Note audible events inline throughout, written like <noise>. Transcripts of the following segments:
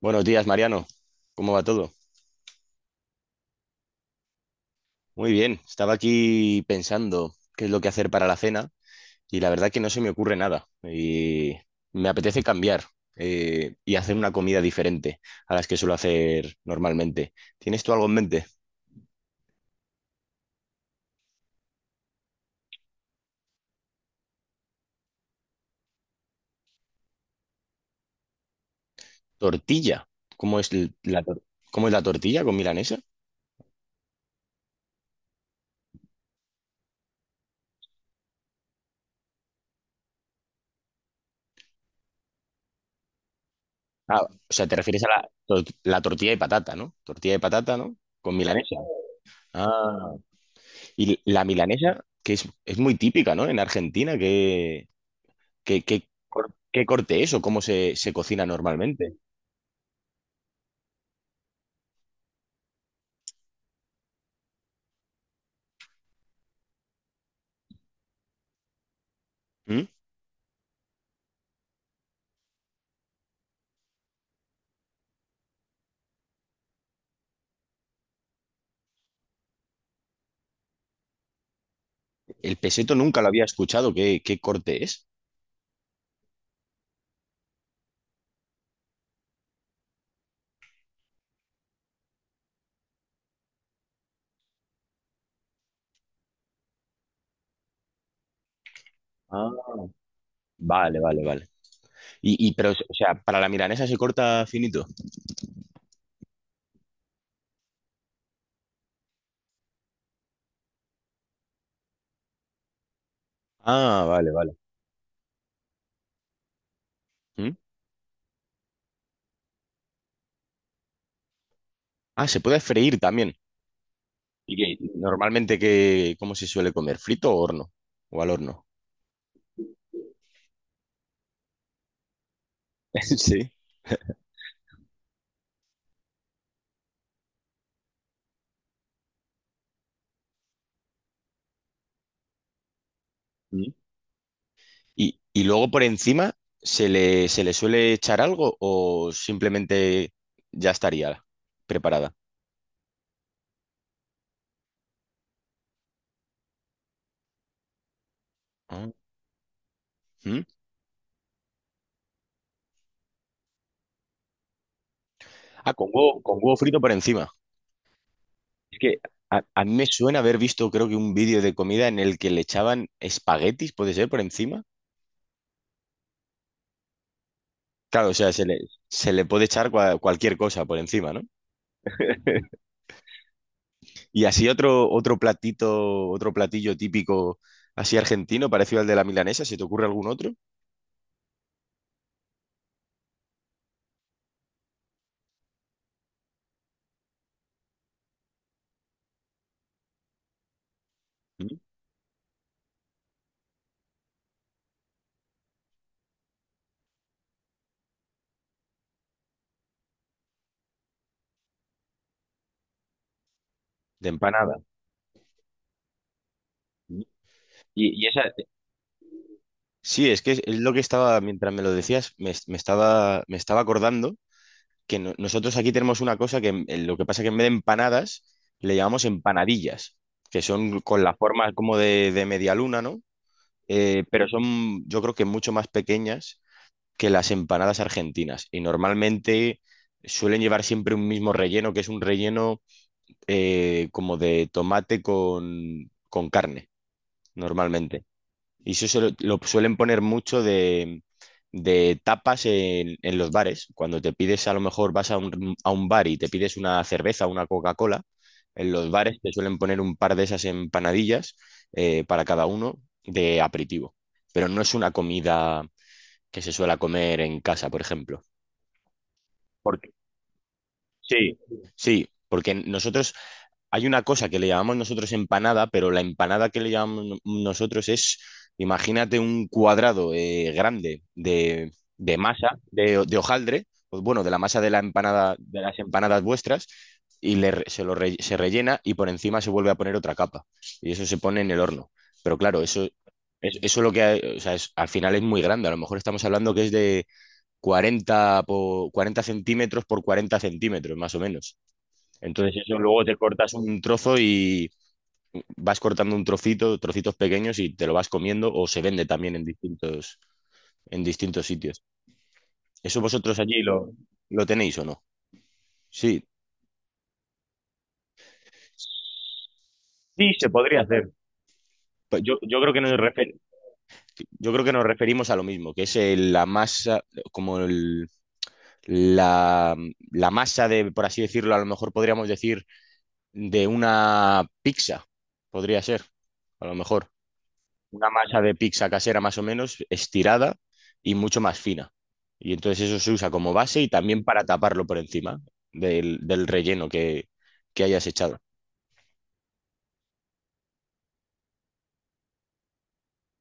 Buenos días, Mariano. ¿Cómo va todo? Muy bien. Estaba aquí pensando qué es lo que hacer para la cena y la verdad que no se me ocurre nada. Y me apetece cambiar, y hacer una comida diferente a las que suelo hacer normalmente. ¿Tienes tú algo en mente? Tortilla. ¿Cómo es l- la, tor- cómo es la tortilla con milanesa? Ah, o sea, te refieres a la tortilla de patata, ¿no? Tortilla de patata, ¿no? Con milanesa. Ah, y la milanesa, que es muy típica, ¿no? En Argentina. ¿Qué corte es o cómo se cocina normalmente? ¿Mm? El peseto nunca lo había escuchado. ¿Qué corte es? Ah, vale, vale, vale. Pero, o sea, para la milanesa se corta finito. Ah, vale, vale. ¿Mm? Ah, se puede freír también. ¿Y qué? Normalmente, ¿cómo se suele comer? ¿Frito o horno? ¿O al horno? <laughs> Sí. ¿Mm? Y luego por encima se le suele echar algo o simplemente ya estaría preparada. Ah. ¿Mm? Ah, con huevo frito por encima. Es que a mí me suena haber visto, creo que un vídeo de comida en el que le echaban espaguetis, ¿puede ser, por encima? Claro, o sea, se le puede echar cualquier cosa por encima, ¿no? <laughs> Y así otro platillo típico así argentino, parecido al de la milanesa, ¿se te ocurre algún otro? Mm. De empanada. Mm. Y esa. Sí, es que es lo que estaba, mientras me lo decías, me estaba acordando que nosotros aquí tenemos una cosa que en lo que pasa es que en vez de empanadas le llamamos empanadillas, que son con la forma como de media luna, ¿no? Pero son, yo creo, que mucho más pequeñas que las empanadas argentinas y normalmente suelen llevar siempre un mismo relleno, que es un relleno, como de tomate con carne, normalmente. Y eso lo suelen poner mucho de tapas en los bares. Cuando te pides, a lo mejor vas a un bar y te pides una cerveza, una Coca-Cola, en los bares te suelen poner un par de esas empanadillas, para cada uno, de aperitivo. Pero no es una comida que se suela comer en casa, por ejemplo. Por- Sí, sí, porque nosotros. Hay una cosa que le llamamos nosotros empanada, pero la empanada que le llamamos nosotros es, imagínate, un cuadrado, grande, de masa, de hojaldre, pues bueno, de la masa de la empanada, de las empanadas vuestras, y le re- se lo re- se rellena y por encima se vuelve a poner otra capa. Y eso se pone en el horno. Pero claro, eso, es- eso lo que, hay- o sea, es- al final es muy grande. A lo mejor estamos hablando que es de 40 por 40 centímetros por 40 centímetros, más o menos. Entonces eso luego te cortas un trozo y vas cortando un trocito, trocitos pequeños, y te lo vas comiendo, o se vende también en distintos, sitios. ¿Eso vosotros allí lo tenéis o no? Sí, sí, se podría hacer. Pues yo creo que nos referimos a lo mismo, que es la masa, como la, la masa de, por así decirlo, a lo mejor podríamos decir, de una pizza, podría ser, a lo mejor. Una masa de pizza casera más o menos estirada y mucho más fina. Y entonces eso se usa como base y también para taparlo por encima del relleno que hayas echado.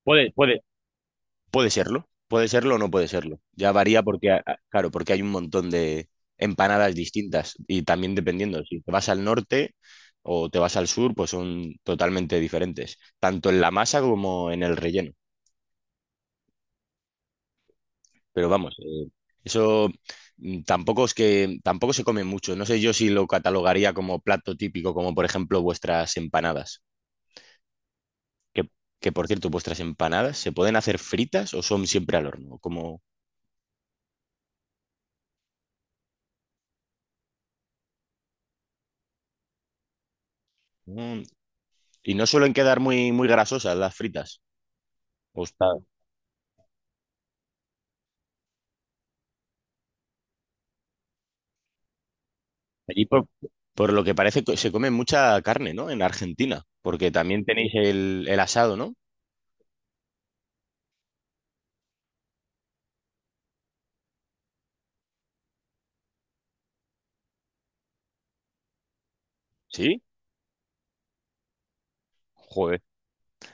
Puede, puede, puede serlo, puede serlo o no puede serlo. Ya varía porque, claro, porque hay un montón de empanadas distintas, y también dependiendo, si te vas al norte o te vas al sur, pues son totalmente diferentes, tanto en la masa como en el relleno. Pero vamos, eso, tampoco es que tampoco se come mucho. No sé yo si lo catalogaría como plato típico, como por ejemplo vuestras empanadas. Que, por cierto, vuestras empanadas se pueden hacer fritas o son siempre al horno, mm, y no suelen quedar muy muy grasosas las fritas. O está allí, por lo que parece, que se come mucha carne, ¿no? En Argentina, porque también tenéis el asado, ¿no? Sí. Joder.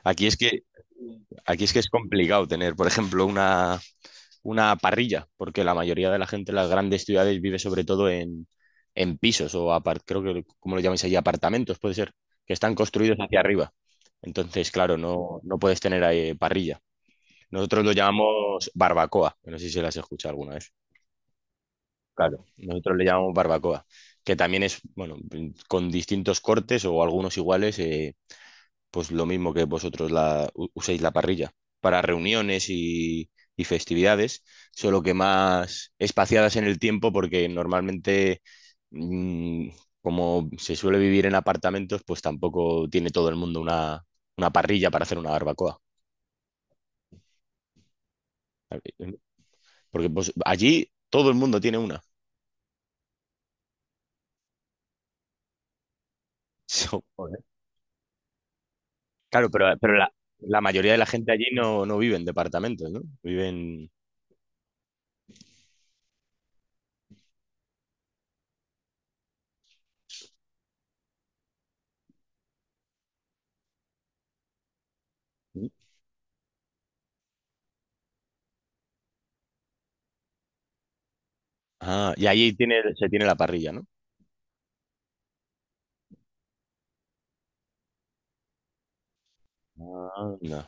Aquí es que aquí es que es complicado tener, por ejemplo, una parrilla, porque la mayoría de la gente en las grandes ciudades vive sobre todo en pisos o creo que, ¿cómo lo llamáis allí?, apartamentos, puede ser, que están construidos hacia arriba. Entonces, claro, no, no puedes tener ahí parrilla. Nosotros lo llamamos barbacoa, que no sé si las escuchado alguna vez. Claro, nosotros le llamamos barbacoa, que también es, bueno, con distintos cortes o algunos iguales, pues lo mismo que vosotros uséis la parrilla para reuniones y festividades, solo que más espaciadas en el tiempo porque normalmente, mm, como se suele vivir en apartamentos, pues tampoco tiene todo el mundo una parrilla para hacer una barbacoa. Porque pues, allí todo el mundo tiene una. <laughs> So, joder. Claro, pero la mayoría de la gente allí no, no vive en departamentos, ¿no? Viven. Ah, y allí se tiene la parrilla, ¿no? Ah.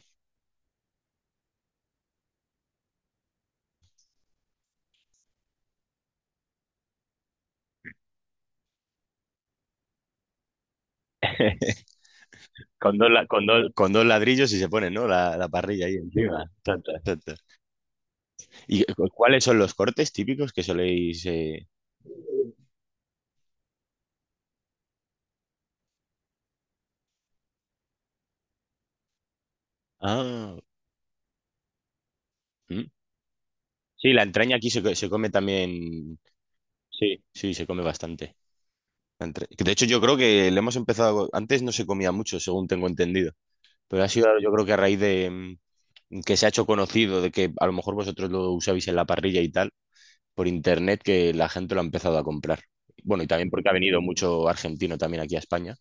Con dos, la- con dos ladrillos y se pone, ¿no?, la parrilla ahí encima. Ta, ta, ta, ta. ¿Y cuáles son los cortes típicos que soléis? Ah, mm. Sí, la entraña aquí se come también. Sí, sí, se come bastante. De hecho, yo creo que le hemos empezado. Antes no se comía mucho, según tengo entendido. Pero ha sido, yo creo, que a raíz de, que se ha hecho conocido, de que a lo mejor vosotros lo usabais en la parrilla y tal, por internet, que la gente lo ha empezado a comprar. Bueno, y también porque ha venido mucho argentino también aquí a España.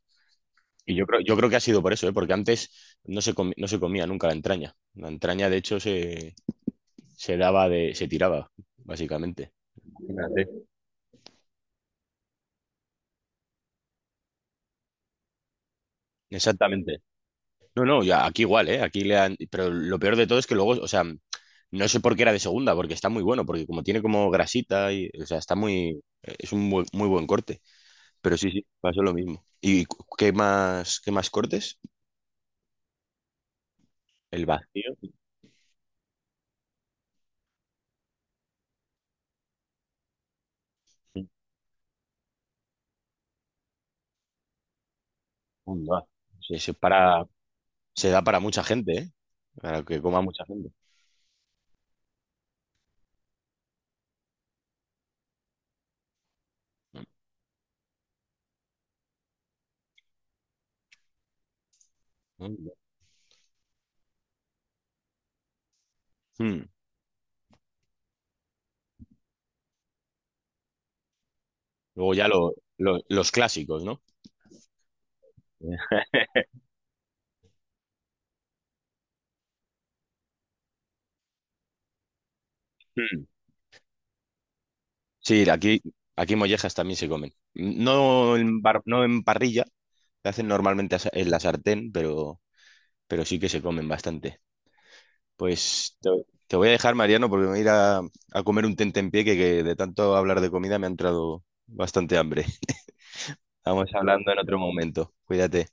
Y yo creo, que ha sido por eso, ¿eh? Porque antes no se comía nunca la entraña. La entraña, de hecho, se tiraba, básicamente. Fíjate. Exactamente. No, no, ya aquí igual, ¿eh? Aquí le han, pero lo peor de todo es que luego, o sea, no sé por qué era de segunda, porque está muy bueno, porque como tiene como grasita y, o sea, está muy, es un buen- muy buen corte. Pero sí, sí, pasó lo mismo. ¿Y qué más cortes? El vacío. Onda. Se, se para, se da para mucha gente, ¿eh? Para que coma mucha gente. Mm. Mm. Luego ya los clásicos, ¿no? Yeah. Mm. Sí, aquí mollejas también se comen. No en parrilla, se hacen normalmente, en la sartén, pero sí que se comen bastante. Pues te voy a dejar, Mariano, porque me voy a ir a comer un tentempié que de tanto hablar de comida me ha entrado bastante hambre. Estamos hablando en otro momento. Cuídate.